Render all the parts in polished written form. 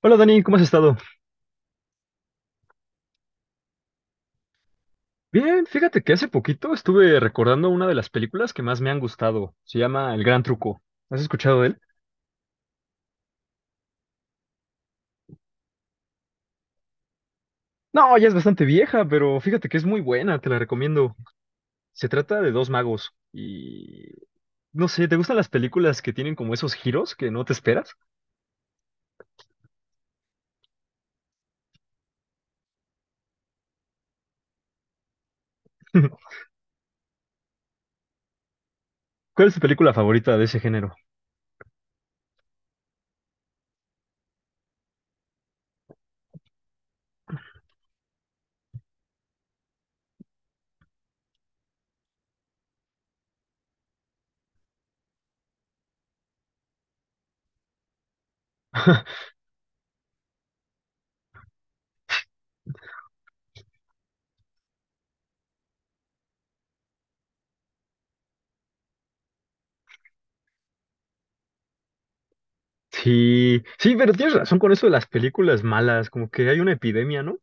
Hola Dani, ¿cómo has estado? Bien, fíjate que hace poquito estuve recordando una de las películas que más me han gustado. Se llama El Gran Truco. ¿Has escuchado de él? No, ya es bastante vieja, pero fíjate que es muy buena, te la recomiendo. Se trata de dos magos y... No sé, ¿te gustan las películas que tienen como esos giros que no te esperas? ¿Cuál es tu película favorita de ese género? Sí, sí, pero tienes razón con eso de las películas malas, como que hay una epidemia, ¿no?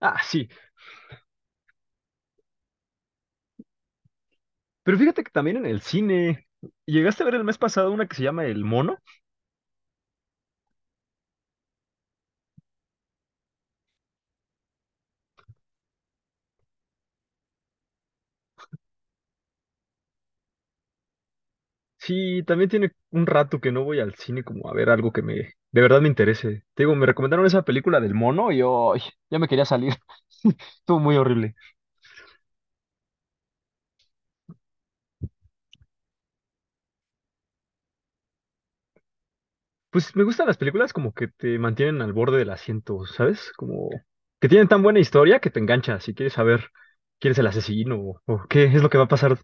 Ah, sí, pero fíjate que también en el cine... ¿Llegaste a ver el mes pasado una que se llama El Mono? Sí, también tiene un rato que no voy al cine como a ver algo que me de verdad me interese. Te digo, me recomendaron esa película del mono y yo ay, ya me quería salir. Estuvo muy horrible. Pues me gustan las películas como que te mantienen al borde del asiento, ¿sabes? Como que tienen tan buena historia que te enganchas si quieres saber quién es el asesino o qué es lo que va a pasar.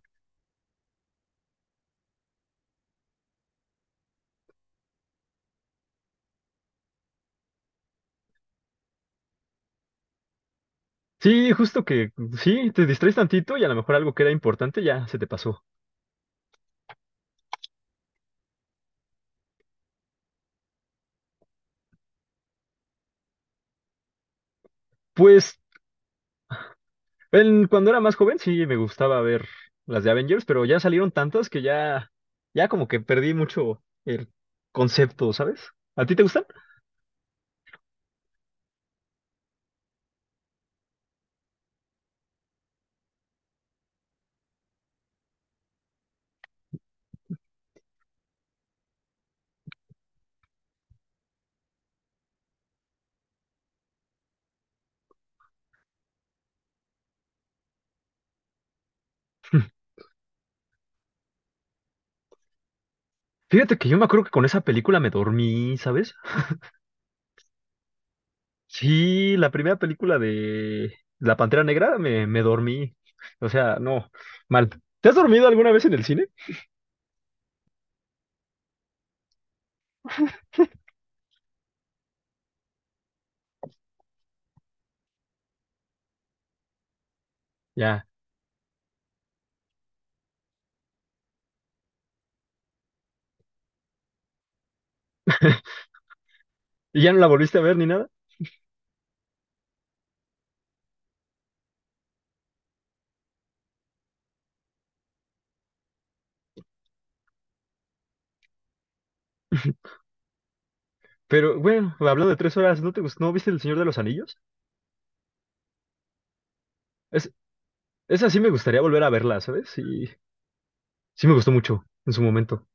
Sí, justo que sí, te distraes tantito y a lo mejor algo que era importante ya se te pasó. Pues cuando era más joven sí me gustaba ver las de Avengers, pero ya salieron tantas que ya como que perdí mucho el concepto, ¿sabes? ¿A ti te gustan? Fíjate que yo me acuerdo que con esa película me dormí, ¿sabes? Sí, la primera película de La Pantera Negra me dormí. O sea, no, mal. ¿Te has dormido alguna vez en el cine? Ya. ¿Y ya no la volviste a ver ni nada? Pero bueno, hablando de 3 horas, ¿no te gustó? ¿No viste El Señor de los Anillos? Es, esa sí me gustaría volver a verla, ¿sabes? Sí, sí me gustó mucho en su momento.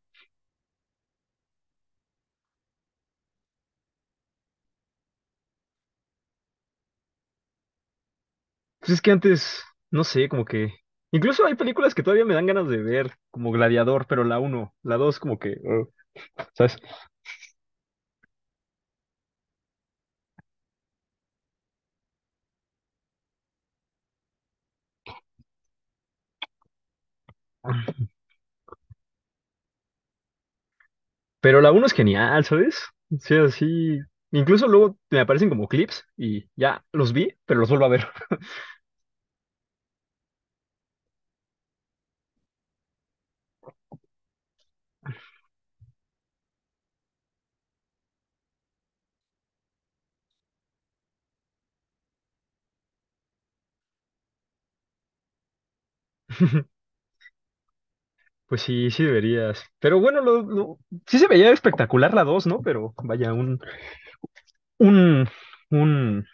Pues es que antes, no sé, como que... Incluso hay películas que todavía me dan ganas de ver, como Gladiador, pero la uno la 2 como que... ¿sabes? Pero la uno es genial, ¿sabes? O sea, sí, así... Incluso luego me aparecen como clips y ya los vi, pero los vuelvo a ver. Pues sí, sí deberías. Pero bueno, sí se veía espectacular la dos, ¿no? Pero vayaun, un...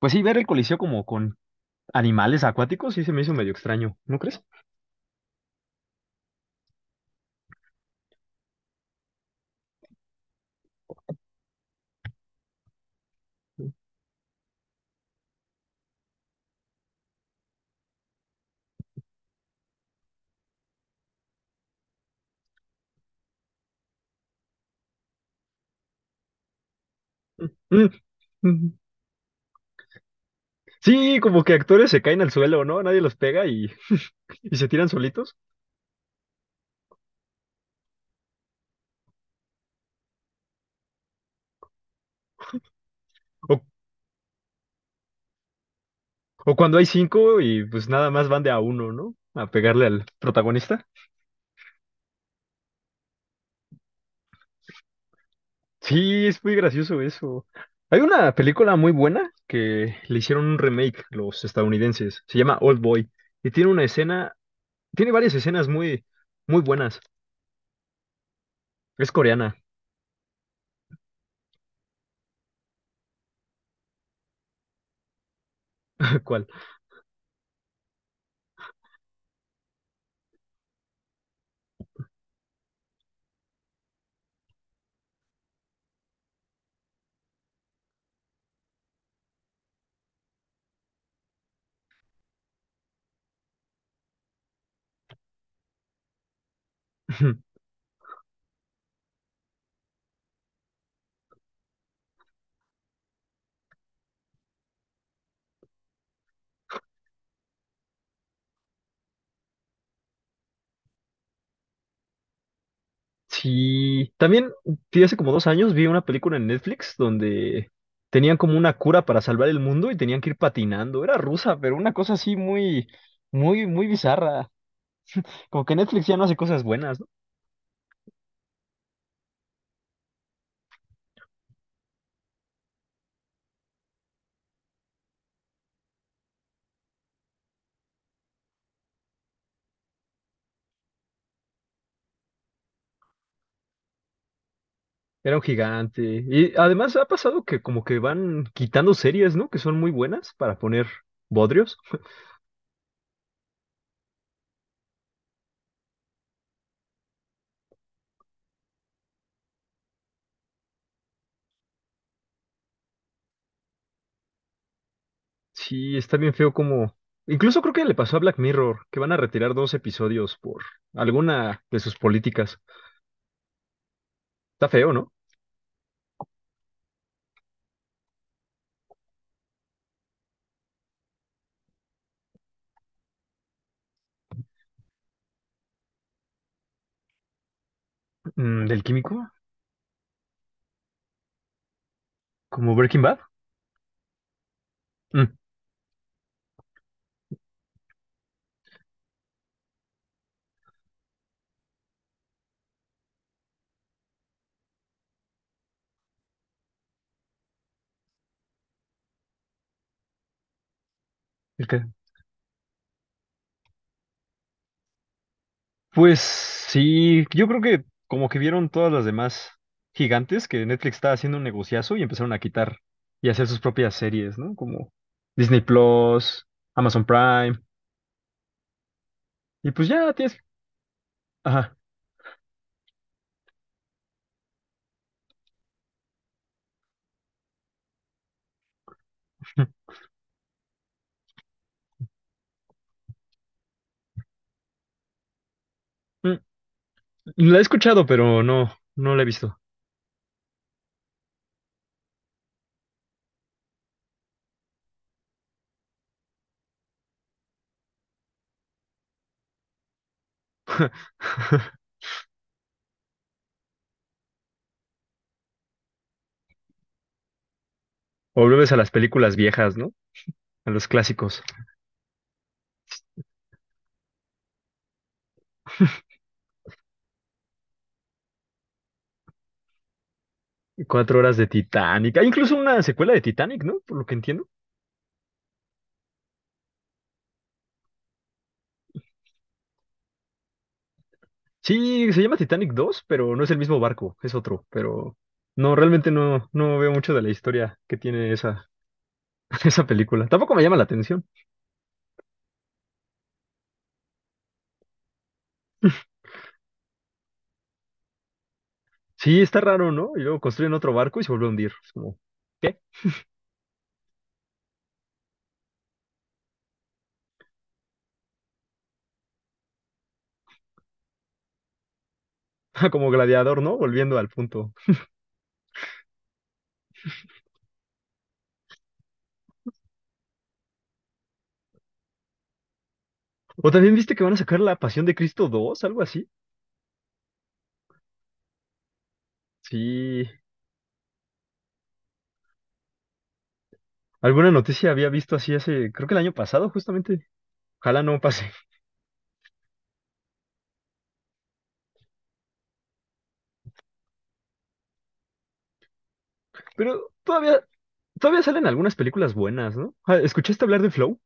Pues sí, ver el Coliseo como con animales acuáticos sí se me hizo medio extraño, ¿no crees? Mm, mm. Sí, como que actores se caen al suelo, ¿no? Nadie los pega y se tiran solitos. O, o cuando hay cinco y pues nada más van de a uno, ¿no? A pegarle al protagonista. Sí, es muy gracioso eso. Hay una película muy buena que le hicieron un remake los estadounidenses. Se llama Old Boy. Y tiene una escena, tiene varias escenas muy, muy buenas. Es coreana. ¿Cuál? Sí, también vi hace como 2 años vi una película en Netflix donde tenían como una cura para salvar el mundo y tenían que ir patinando. Era rusa, pero una cosa así muy, muy, muy bizarra. Como que Netflix ya no hace cosas buenas, ¿no? Era un gigante. Y además ha pasado que como que van quitando series, ¿no? Que son muy buenas para poner bodrios. Sí, está bien feo como... Incluso creo que le pasó a Black Mirror, que van a retirar 2 episodios por alguna de sus políticas. Está feo, ¿no? Mm, ¿del químico? ¿Como Breaking Bad? Mm, el que- pues sí, yo creo que como que vieron todas las demás gigantes que Netflix estaba haciendo un negociazo y empezaron a quitar y hacer sus propias series, ¿no? Como Disney Plus, Amazon Prime, y pues ya tienes... Ajá. Mm, la he escuchado, pero no, no la he visto. O vuelves a las películas viejas, ¿no? A los clásicos. 4 horas de Titanic. Hay incluso una secuela de Titanic, ¿no? Por lo que entiendo. Sí, se llama Titanic 2, pero no es el mismo barco, es otro, pero no, realmente no veo mucho de la historia que tiene esa, esa película. Tampoco me llama la atención. Sí, está raro, ¿no? Y luego construyen otro barco y se vuelve a hundir. Es como, ¿qué? Como Gladiador, ¿no? Volviendo al punto. O también viste que van a sacar La Pasión de Cristo 2, algo así. Sí, alguna noticia había visto así hace, creo que el año pasado, justamente. Ojalá no pase. Pero todavía salen algunas películas buenas, ¿no? Ah, ¿escuchaste hablar de Flow?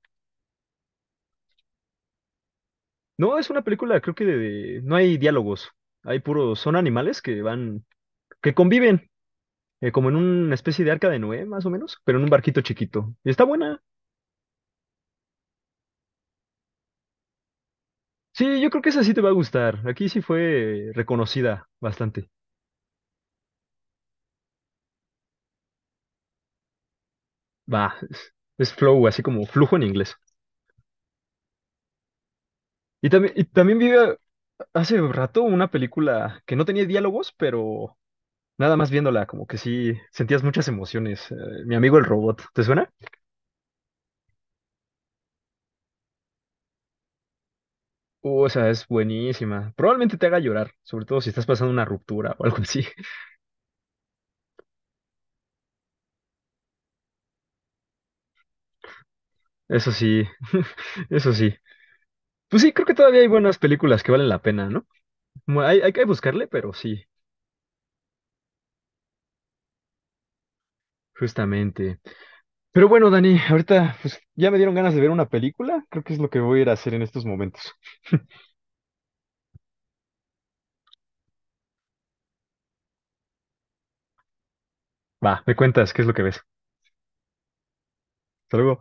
No, es una película, creo que no hay diálogos. Hay puros, son animales que van, que conviven, como en una especie de arca de Noé, más o menos, pero en un barquito chiquito. Y está buena. Sí, yo creo que esa sí te va a gustar. Aquí sí fue reconocida bastante. Va, es flow, así como flujo en inglés. Y también hace rato una película que no tenía diálogos, pero nada más viéndola, como que sí sentías muchas emociones. Mi amigo el robot, ¿te suena? Esa es buenísima. Probablemente te haga llorar, sobre todo si estás pasando una ruptura o algo así. Eso sí, eso sí. Pues sí, creo que todavía hay buenas películas que valen la pena, ¿no? Hay que buscarle, pero sí, justamente. Pero bueno, Dani, ahorita pues ya me dieron ganas de ver una película. Creo que es lo que voy a ir a hacer en estos momentos. Va, me cuentas qué es lo que ves. Hasta luego.